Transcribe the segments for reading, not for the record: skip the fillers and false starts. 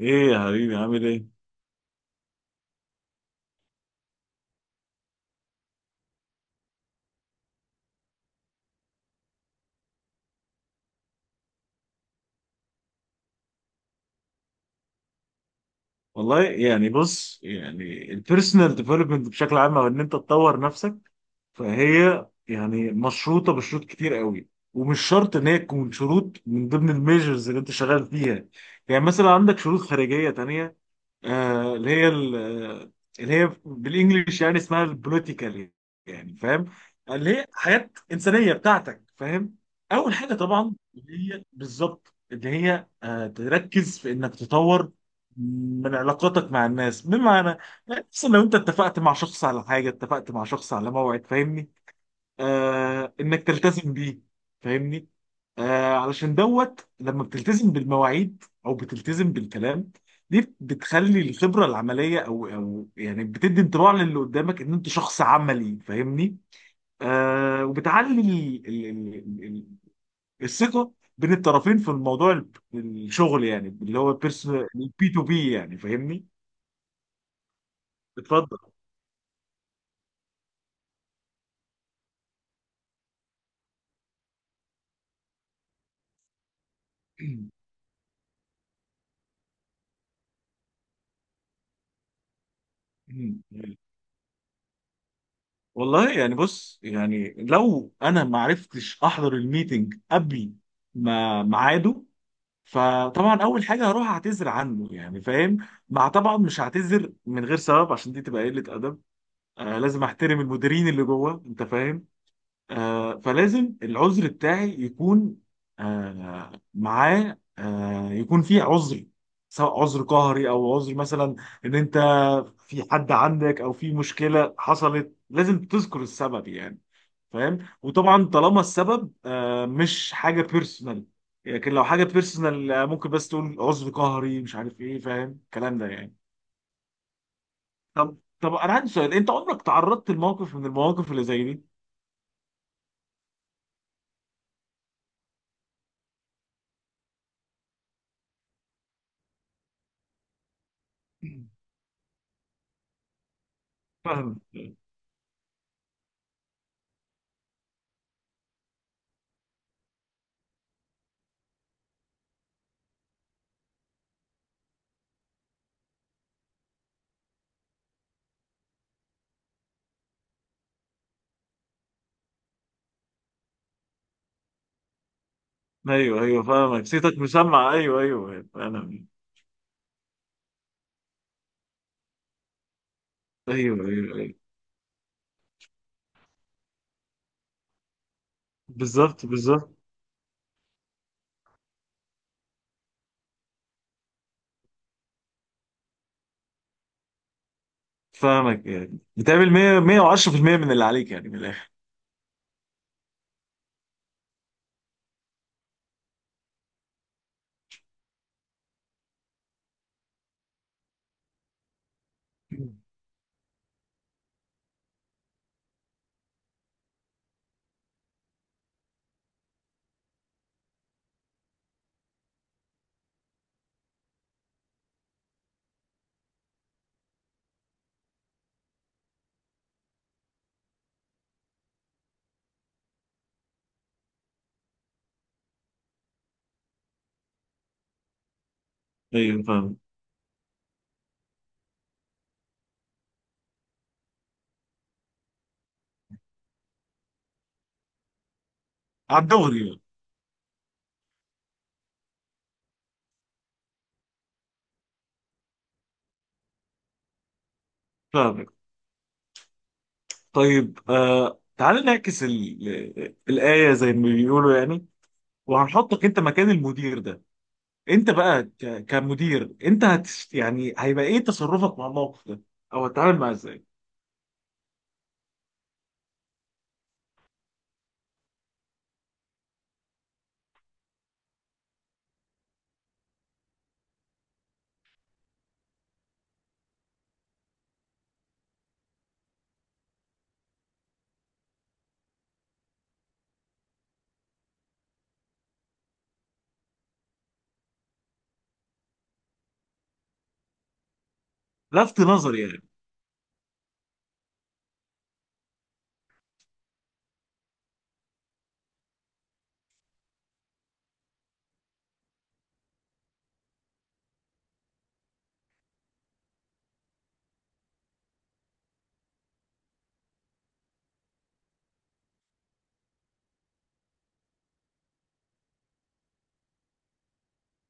ايه يا حبيبي، عامل ايه؟ والله يعني بص يعني البيرسونال ديفلوبمنت بشكل عام، او ان انت تطور نفسك، فهي يعني مشروطه بشروط كتير قوي. ومش شرط ان هي تكون شروط من ضمن الميجرز اللي انت شغال فيها. يعني مثلا عندك شروط خارجيه تانية، اللي هي اللي هي بالانجلش يعني اسمها البوليتيكال. يعني فاهم؟ اللي هي حياه انسانيه بتاعتك، فاهم؟ اول حاجه طبعا اللي هي بالظبط اللي هي تركز في انك تطور من علاقاتك مع الناس. بمعنى، خصوصا لو انت اتفقت مع شخص على حاجه، اتفقت مع شخص على موعد، فاهمني؟ انك تلتزم بيه، فاهمني؟ علشان دوت لما بتلتزم بالمواعيد او بتلتزم بالكلام، دي بتخلي الخبره العمليه، او يعني بتدي انطباع للي قدامك ان انت شخص عملي، فاهمني؟ وبتعلي ال- ال- الثقه بين الطرفين في الموضوع، الشغل يعني، اللي هو بيرسونال بي تو بي يعني، فاهمني؟ اتفضل. والله يعني بص يعني لو انا ما عرفتش احضر الميتنج قبل ما ميعاده، فطبعا اول حاجه هروح اعتذر عنه يعني، فاهم. مع، طبعا مش هعتذر من غير سبب، عشان دي تبقى قله ادب. لازم احترم المديرين اللي جوه، انت فاهم؟ فلازم العذر بتاعي يكون معاه يكون فيه عذر، سواء عذر قهري، او عذر مثلا ان انت في حد عندك، او في مشكله حصلت. لازم تذكر السبب يعني، فاهم؟ وطبعا طالما السبب مش حاجه بيرسونال، لكن لو حاجه بيرسونال ممكن بس تقول عذر قهري مش عارف ايه، فاهم الكلام ده يعني؟ طب انا عندي سؤال، انت عمرك تعرضت لموقف من المواقف اللي زي دي؟ فاهم. ايوه، ايوه، فاهمك، صيتك مسمع. ايوه، ايوه، انا. ايوه، ايوه، ايوه. بالظبط، بالظبط. فاهمك. يعني بتعمل 100 110% من اللي عليك يعني، من الاخر. ايوه، فاهم. على الدغري يعني. فاهمك. طيب، تعال نعكس الآية، زي ما بيقولوا يعني، وهنحطك انت مكان المدير ده. انت بقى كمدير، انت يعني هيبقى ايه تصرفك مع الموقف ده؟ او هتتعامل معاه ازاي؟ لفت نظري يعني.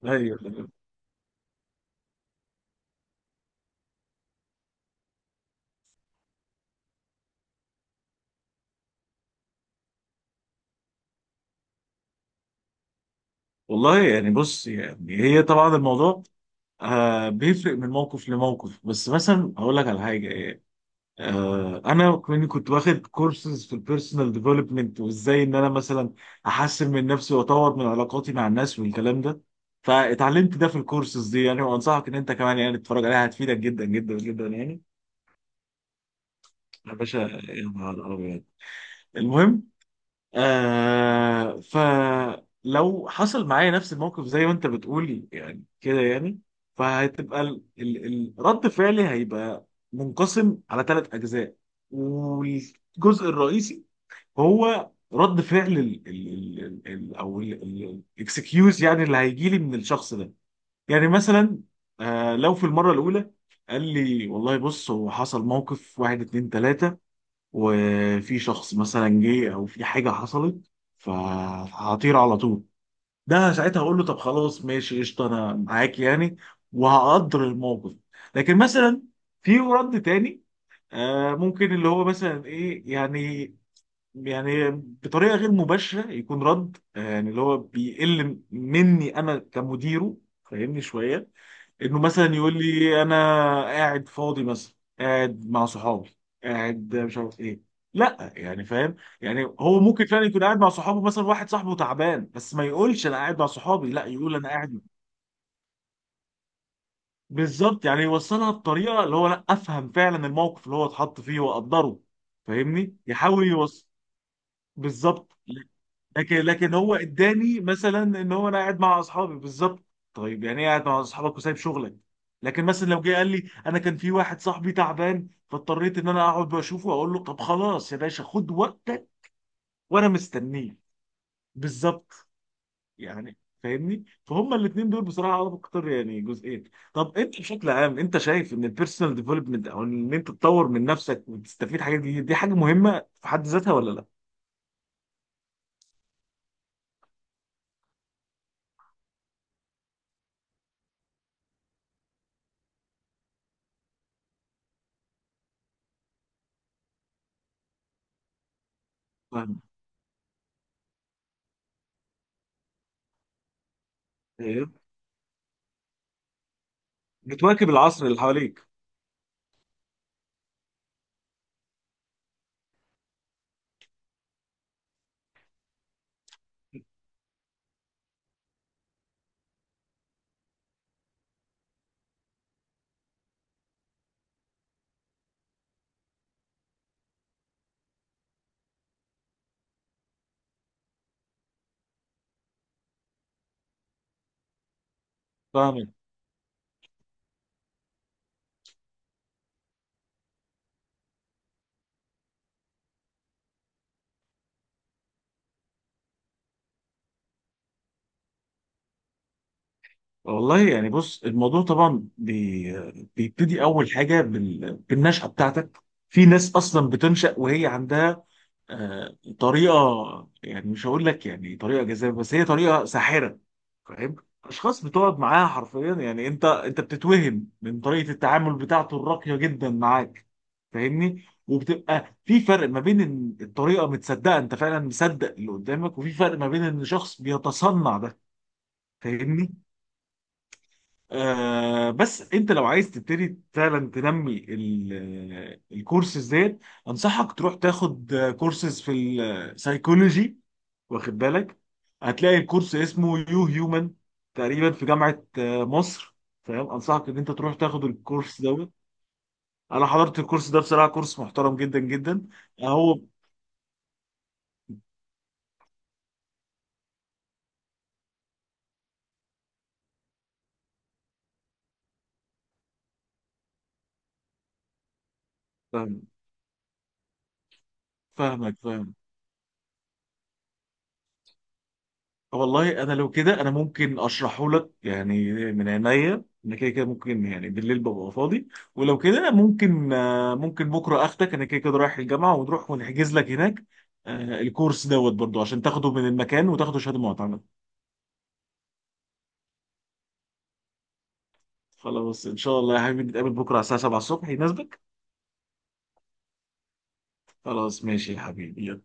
ايوه. والله يعني بص يعني هي طبعا الموضوع بيفرق من موقف لموقف. بس مثلا هقول لك على حاجه يعني، انا كنت واخد كورسز في البيرسونال ديفلوبمنت، وازاي ان انا مثلا احسن من نفسي واطور من علاقاتي مع الناس والكلام ده. فاتعلمت ده في الكورسز دي يعني، وانصحك ان انت كمان يعني تتفرج عليها، هتفيدك جدا جدا جدا يعني. يا باشا، يا نهار ابيض. المهم، فلو حصل معايا نفس الموقف زي ما انت بتقول يعني كده، يعني فهتبقى الرد فعلي هيبقى منقسم على ثلاث اجزاء. والجزء الرئيسي هو رد فعل او الاكسكيوز، يعني اللي هيجي لي من الشخص ده. يعني مثلا لو في المره الاولى قال لي والله بص، هو حصل موقف، واحد اتنين تلاته، وفي شخص مثلا جه، او في حاجه حصلت، فهطير على طول. ده ساعتها هقول له طب خلاص، ماشي قشطه، انا معاك يعني، وهقدر الموقف. لكن مثلا في رد تاني ممكن اللي هو مثلا ايه يعني، يعني بطريقه غير مباشره يكون رد يعني اللي هو بيقل مني انا كمديره، فاهمني شويه، انه مثلا يقول لي انا قاعد فاضي، مثلا قاعد مع صحابي، قاعد مش عارف ايه. لا، يعني فاهم يعني، هو ممكن فعلا يكون قاعد مع صحابه، مثلا واحد صاحبه تعبان، بس ما يقولش انا قاعد مع صحابي، لا يقول انا قاعد، بالظبط. يعني يوصلها بطريقه اللي هو لا، افهم فعلا الموقف اللي هو اتحط فيه واقدره. فاهمني يحاول يوصل، بالظبط. لكن هو اداني مثلا ان هو انا قاعد مع اصحابي، بالظبط. طيب يعني ايه قاعد مع اصحابك وسايب شغلك؟ لكن مثلا لو جه قال لي انا كان في واحد صاحبي تعبان، فاضطريت ان انا اقعد واشوفه، واقول له طب خلاص يا باشا، خد وقتك وانا مستنيه، بالظبط يعني. فاهمني فهم الاثنين دول بصراحه انا بكتر يعني، جزئين. طب انت بشكل عام انت شايف ان البيرسونال ديفلوبمنت، او ان انت تطور من نفسك وتستفيد حاجات جديده، دي حاجه مهمه في حد ذاتها ولا لا؟ فاهم. إيه؟ بتواكب العصر اللي حواليك. فاهمك. والله يعني بص الموضوع طبعا بيبتدي اول حاجه بالنشأة بتاعتك. في ناس اصلا بتنشأ وهي عندها طريقه، يعني مش هقول لك يعني طريقه جذابه، بس هي طريقه ساحره. فاهم؟ اشخاص بتقعد معاها حرفيا يعني، انت بتتوهم من طريقه التعامل بتاعته الراقيه جدا معاك. فاهمني، وبتبقى في فرق ما بين إن الطريقه متصدقه، انت فعلا مصدق اللي قدامك، وفي فرق ما بين ان شخص بيتصنع ده. فاهمني. بس انت لو عايز تبتدي فعلا تنمي الكورسز ديت، انصحك تروح تاخد كورسز في السايكولوجي، واخد بالك. هتلاقي الكورس اسمه يو هيومن، تقريبا في جامعة مصر، فاهم؟ انصحك ان انت تروح تاخد الكورس دوت. انا حضرت الكورس ده بصراحة، كورس محترم جدا جدا. هو فاهم- فاهمك، فاهمك. والله انا لو كده انا ممكن اشرحه لك يعني، من عينيا. انا كده كده ممكن يعني، بالليل ببقى فاضي. ولو كده ممكن، ممكن بكره اخدك، انا كده كده رايح الجامعه، ونروح ونحجز لك هناك الكورس دوت برضو، عشان تاخده من المكان وتاخده شهاده معتمد. خلاص، ان شاء الله يا حبيبي نتقابل بكره على الساعه 7 الصبح، يناسبك؟ خلاص ماشي يا حبيبي.